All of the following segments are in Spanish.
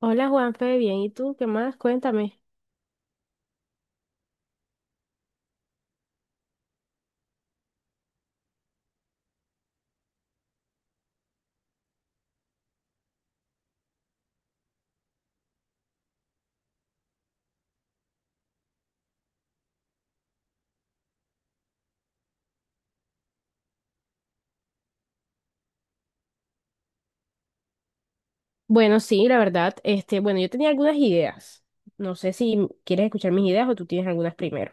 Hola Juanfe, bien, ¿y tú qué más? Cuéntame. La verdad, yo tenía algunas ideas. No sé si quieres escuchar mis ideas o tú tienes algunas primero.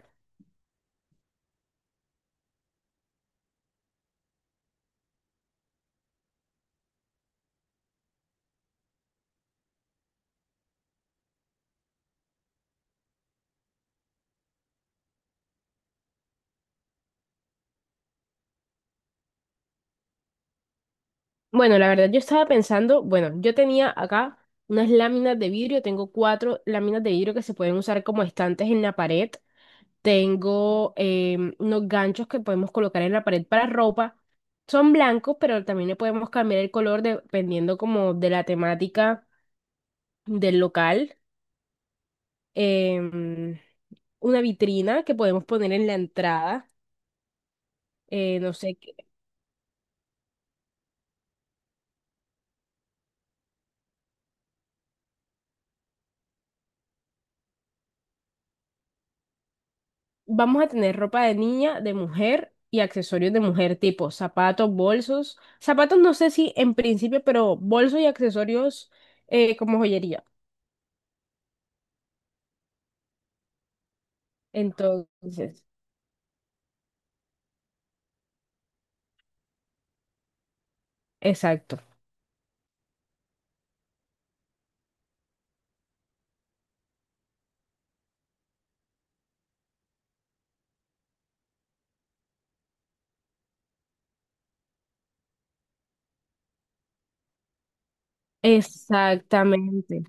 Bueno, la verdad yo estaba pensando, yo tenía acá unas láminas de vidrio, tengo cuatro láminas de vidrio que se pueden usar como estantes en la pared, tengo unos ganchos que podemos colocar en la pared para ropa, son blancos, pero también le podemos cambiar el color dependiendo como de la temática del local. Em, una vitrina que podemos poner en la entrada, no sé. Vamos a tener ropa de niña, de mujer y accesorios de mujer, tipo zapatos, bolsos. Zapatos no sé si en principio, pero bolsos y accesorios, como joyería. Entonces, exacto. Exactamente.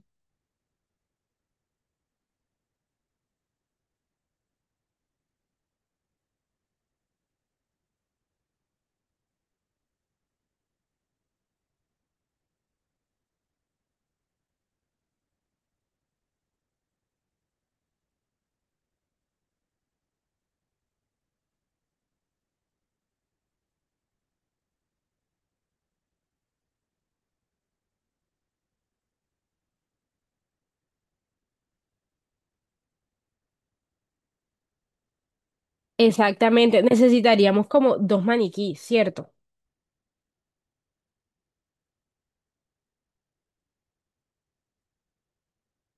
Exactamente. Necesitaríamos como dos maniquís, ¿cierto?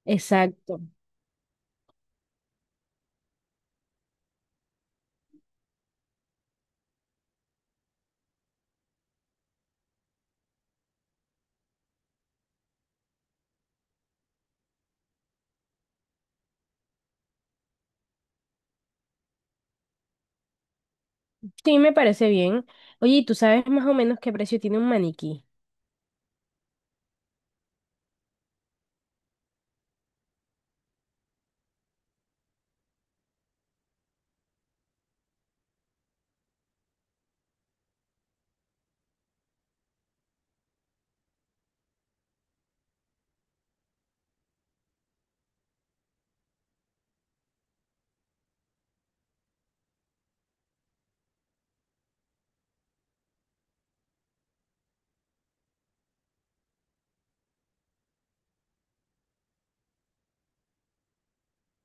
Exacto. Sí, me parece bien. Oye, ¿y tú sabes más o menos qué precio tiene un maniquí?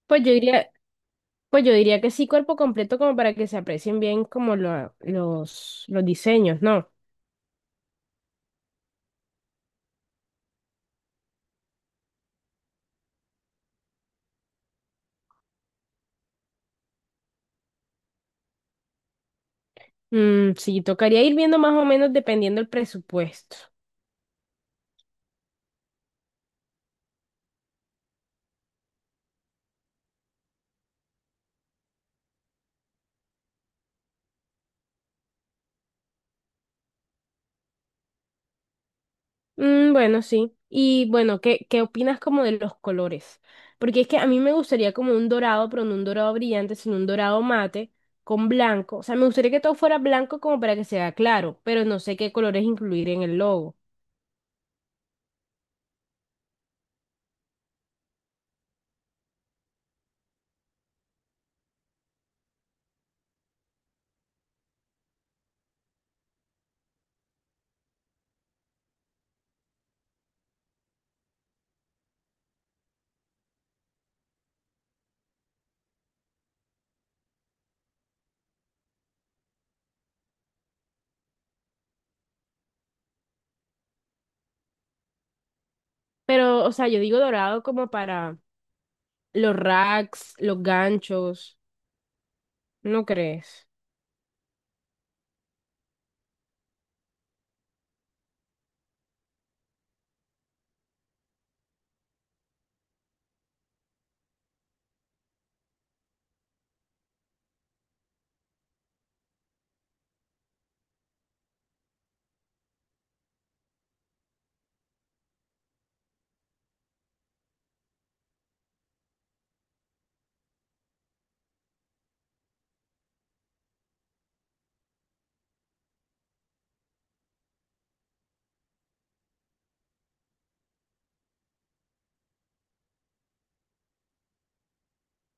Pues yo diría, pues yo diría que sí, cuerpo completo, como para que se aprecien bien como los diseños, ¿no? Mm, sí, tocaría ir viendo más o menos dependiendo el presupuesto. Mm, bueno, sí. Y bueno, qué opinas como de los colores? Porque es que a mí me gustaría como un dorado, pero no un dorado brillante, sino un dorado mate con blanco. O sea, me gustaría que todo fuera blanco como para que sea claro, pero no sé qué colores incluir en el logo. Pero, o sea, yo digo dorado como para los racks, los ganchos, ¿no crees?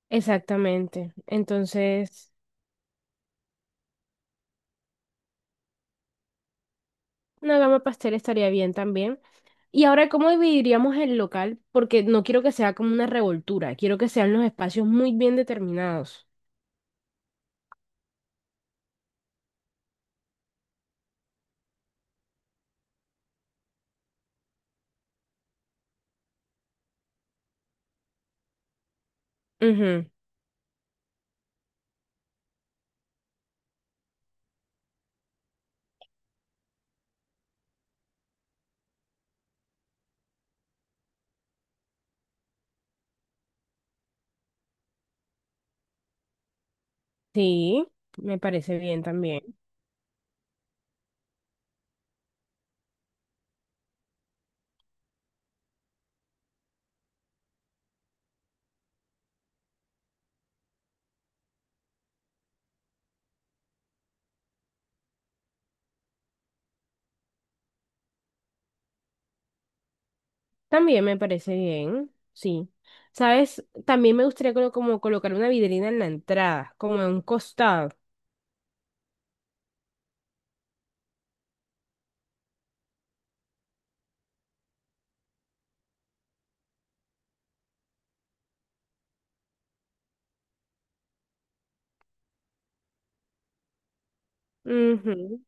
Exactamente. Entonces… Una gama pastel estaría bien también. Y ahora, ¿cómo dividiríamos el local? Porque no quiero que sea como una revoltura, quiero que sean los espacios muy bien determinados. Ujú. Sí, me parece bien también. También me parece bien, sí. ¿Sabes? También me gustaría como colocar una vidrina en la entrada, como en un costado. Ujú.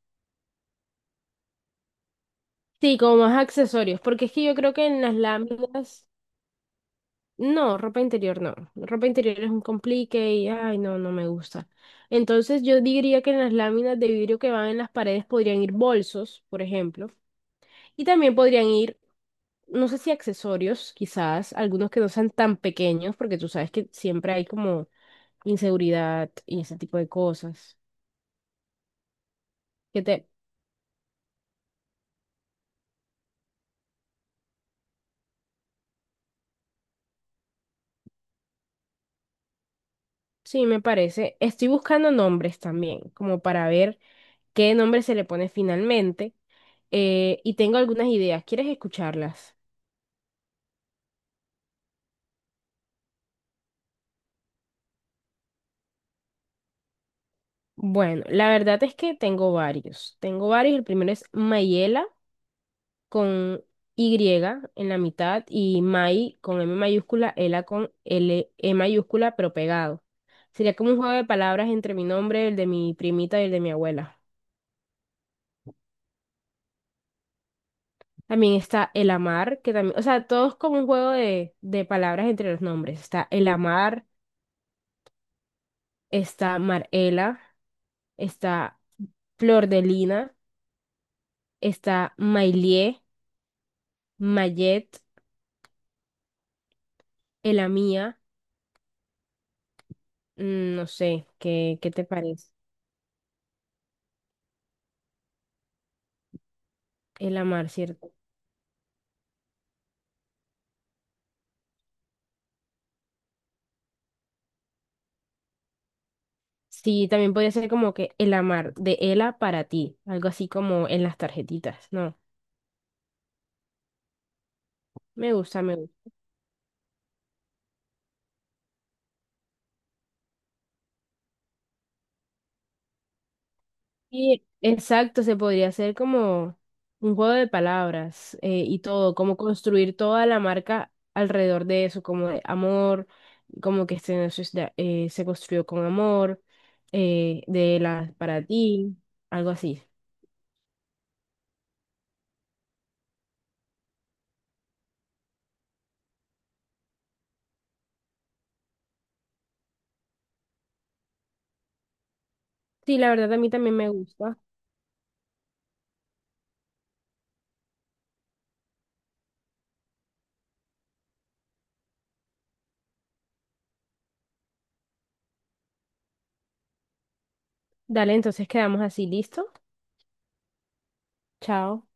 Sí, como más accesorios, porque es que yo creo que en las láminas no, ropa interior no. Ropa interior es un complique y ay, no, no me gusta. Entonces yo diría que en las láminas de vidrio que van en las paredes podrían ir bolsos, por ejemplo, y también no sé si accesorios, quizás, algunos que no sean tan pequeños, porque tú sabes que siempre hay como inseguridad y ese tipo de cosas. Que te… Sí, me parece. Estoy buscando nombres también, como para ver qué nombre se le pone finalmente, y tengo algunas ideas. ¿Quieres escucharlas? Bueno, la verdad es que tengo varios. Tengo varios. El primero es Mayela con Y en la mitad y May con M mayúscula, Ela con L E mayúscula, pero pegado. Sería como un juego de palabras entre mi nombre, el de mi primita y el de mi abuela. También está El Amar, que también, o sea, todo es como un juego de palabras entre los nombres. Está El Amar, está Marela, está Flor de Lina, está Mailie, Mayet, Elamía. Mm, no sé, qué te parece? El amar, ¿cierto? Sí, también podría ser como que el amar de Ela para ti, algo así como en las tarjetitas, ¿no? Me gusta, me gusta. Y exacto, se podría hacer como un juego de palabras, y todo, como construir toda la marca alrededor de eso, como de amor, como que este, no se, se construyó con amor, de Ela para ti, algo así. Sí, la verdad a mí también me gusta. Dale, entonces quedamos así, ¿listo? Chao.